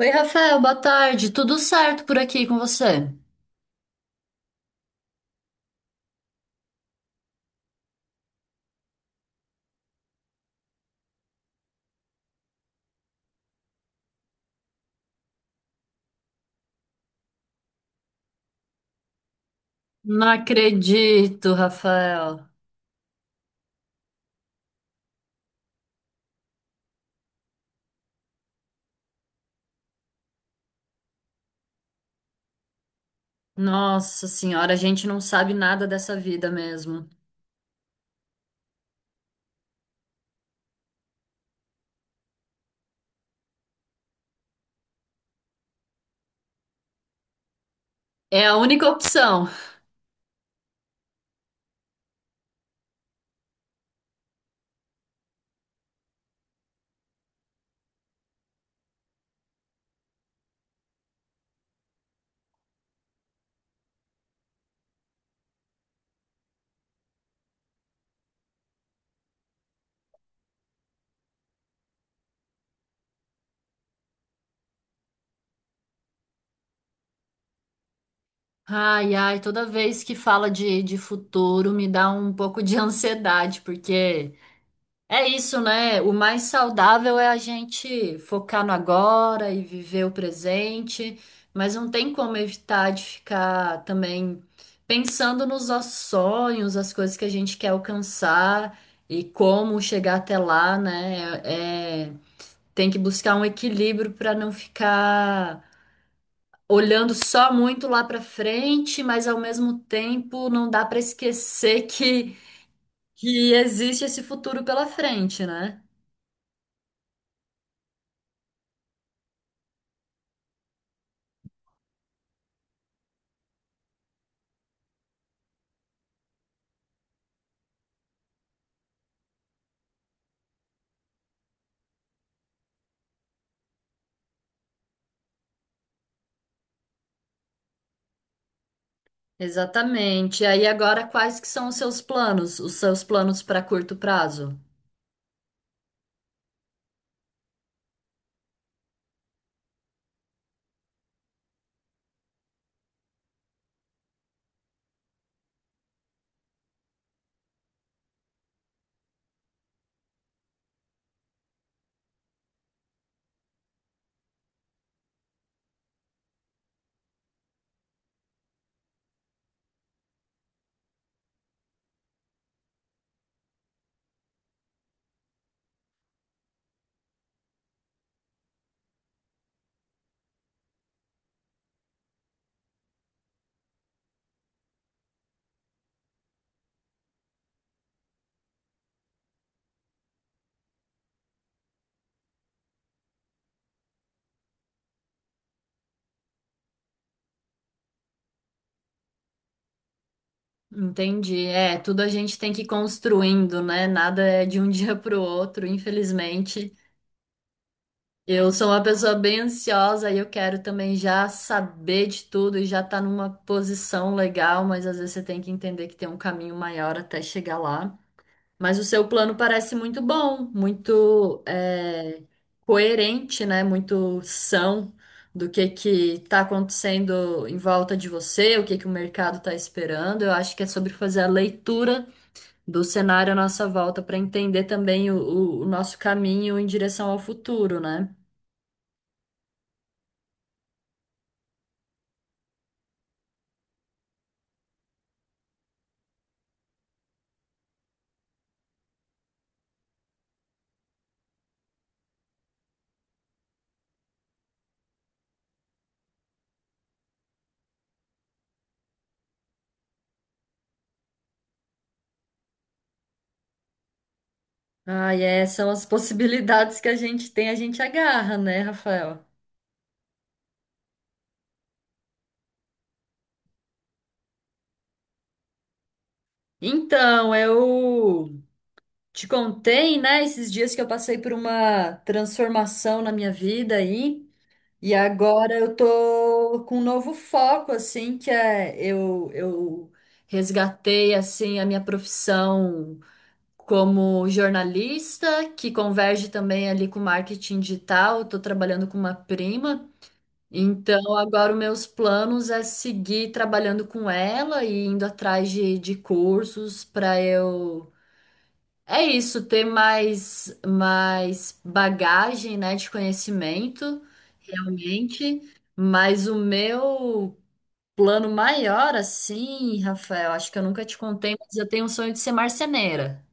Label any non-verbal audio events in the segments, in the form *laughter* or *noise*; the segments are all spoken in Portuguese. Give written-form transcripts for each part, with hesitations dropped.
Oi, Rafael, boa tarde. Tudo certo por aqui com você? Não acredito, Rafael. Nossa senhora, a gente não sabe nada dessa vida mesmo. É a única opção. Ai, ai, toda vez que fala de futuro me dá um pouco de ansiedade, porque é isso, né? O mais saudável é a gente focar no agora e viver o presente, mas não tem como evitar de ficar também pensando nos nossos sonhos, as coisas que a gente quer alcançar e como chegar até lá, né? É, tem que buscar um equilíbrio para não ficar olhando só muito lá para frente, mas ao mesmo tempo não dá para esquecer que existe esse futuro pela frente, né? Exatamente. E aí agora quais que são os seus planos? Os seus planos para curto prazo? Entendi. É, tudo a gente tem que ir construindo, né? Nada é de um *laughs* dia para o outro, infelizmente. Eu sou uma pessoa bem ansiosa e eu quero também já saber de tudo e já estar numa posição legal, mas às vezes você tem que entender que tem um caminho maior até chegar lá. Mas o seu plano parece muito bom, muito é, coerente, né? Muito são do que está acontecendo em volta de você, o que que o mercado está esperando. Eu acho que é sobre fazer a leitura do cenário à nossa volta para entender também o nosso caminho em direção ao futuro, né? Ah, e é, são as *laughs* possibilidades que a gente tem, a gente agarra, né, Rafael? Então, eu te contei, né, esses dias que eu passei por uma transformação na minha vida aí, e agora eu tô com um novo foco, assim, que é eu resgatei, assim, a minha profissão como jornalista, que converge também ali com marketing digital, eu tô trabalhando com uma prima, então agora os meus planos é seguir trabalhando com ela e indo atrás de cursos para eu é isso, ter mais, mais bagagem, né, de conhecimento, realmente. Mas o meu plano maior, assim, Rafael, acho que eu nunca te contei, mas eu tenho um sonho de ser marceneira.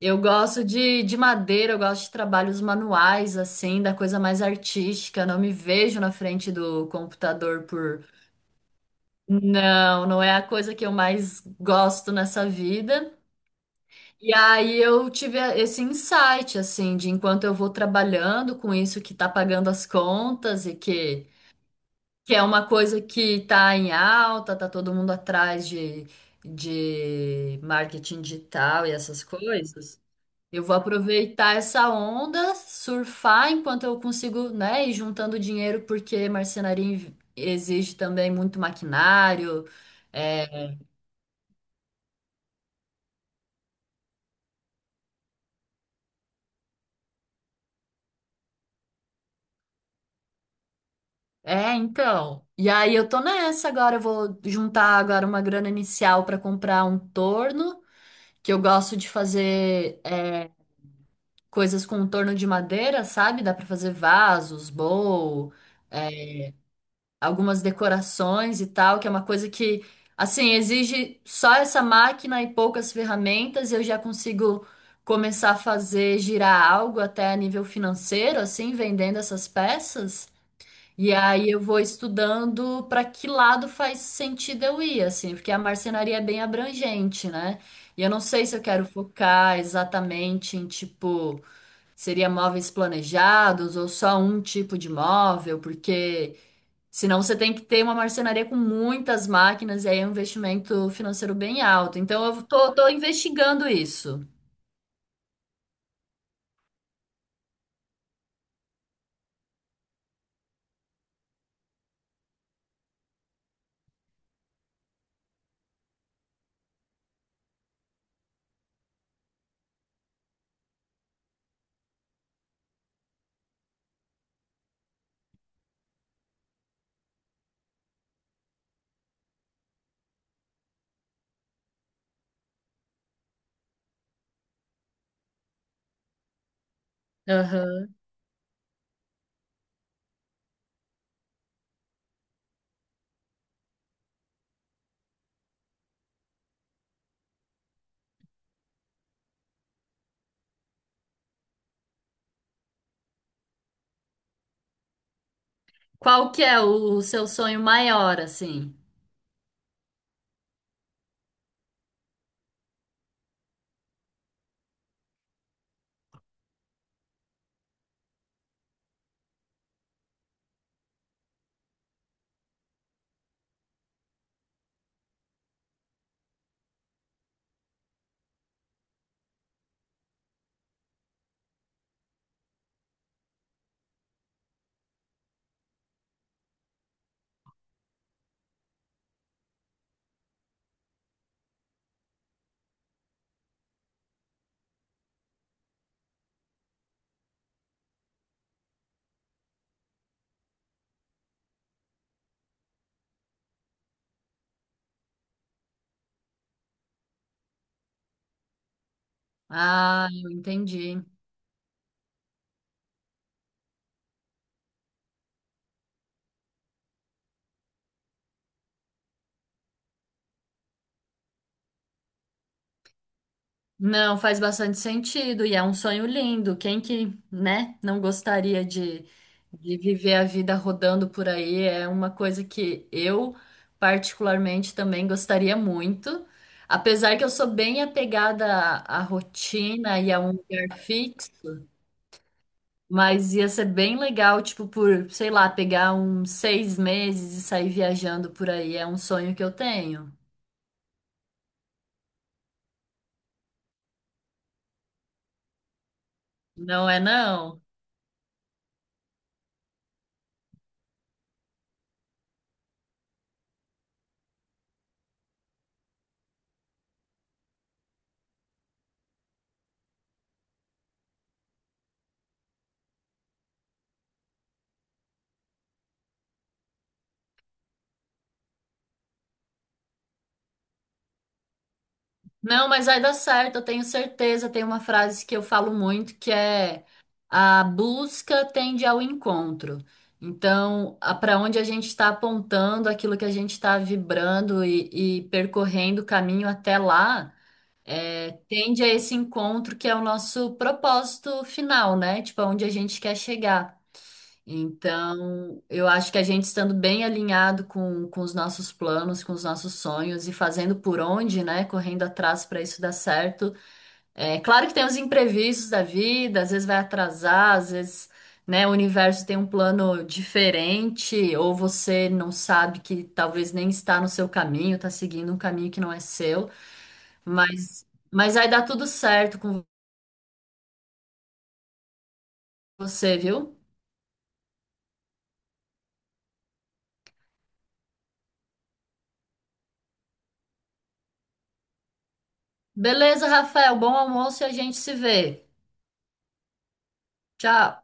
Eu gosto de madeira, eu gosto de trabalhos manuais, assim, da coisa mais artística. Não me vejo na frente do computador por. Não, não é a coisa que eu mais gosto nessa vida. E aí eu tive esse insight, assim, de enquanto eu vou trabalhando com isso que tá pagando as contas e que é uma coisa que tá em alta, tá todo mundo atrás de marketing digital e essas coisas, eu vou aproveitar essa onda, surfar enquanto eu consigo, né, ir juntando dinheiro, porque marcenaria exige também muito maquinário, é, é, então. E aí eu tô nessa agora, eu vou juntar agora uma grana inicial pra comprar um torno, que eu gosto de fazer é, coisas com um torno de madeira, sabe? Dá pra fazer vasos, bowl, é, algumas decorações e tal, que é uma coisa que, assim, exige só essa máquina e poucas ferramentas, e eu já consigo começar a fazer girar algo até a nível financeiro, assim, vendendo essas peças. E aí eu vou estudando para que lado faz sentido eu ir, assim, porque a marcenaria é bem abrangente, né? E eu não sei se eu quero focar exatamente em tipo, seria móveis planejados ou só um tipo de móvel, porque senão você tem que ter uma marcenaria com muitas máquinas e aí é um investimento financeiro bem alto. Então eu tô investigando isso. Aham. Qual que é o seu sonho maior, assim? Ah, eu entendi. Não, faz bastante sentido e é um sonho lindo. Quem que, né, não gostaria de viver a vida rodando por aí? É uma coisa que eu particularmente também gostaria muito. Apesar que eu sou bem apegada à rotina e a um lugar fixo, mas ia ser bem legal, tipo, por, sei lá, pegar uns seis meses e sair viajando por aí. É um sonho que eu tenho. Não é não? Não, mas vai dar certo, eu tenho certeza. Tem uma frase que eu falo muito que é a busca tende ao encontro. Então, para onde a gente está apontando, aquilo que a gente está vibrando e percorrendo o caminho até lá, é, tende a esse encontro que é o nosso propósito final, né? Tipo, aonde a gente quer chegar. Então, eu acho que a gente estando bem alinhado com os nossos planos, com os nossos sonhos e fazendo por onde, né? Correndo atrás para isso dar certo. É claro que tem os imprevistos da vida, às vezes vai atrasar, às vezes, né, o universo tem um plano diferente, ou você não sabe que talvez nem está no seu caminho, está seguindo um caminho que não é seu, mas, mas vai dar tudo certo com você, viu? Beleza, Rafael, bom almoço e a gente se vê. Tchau.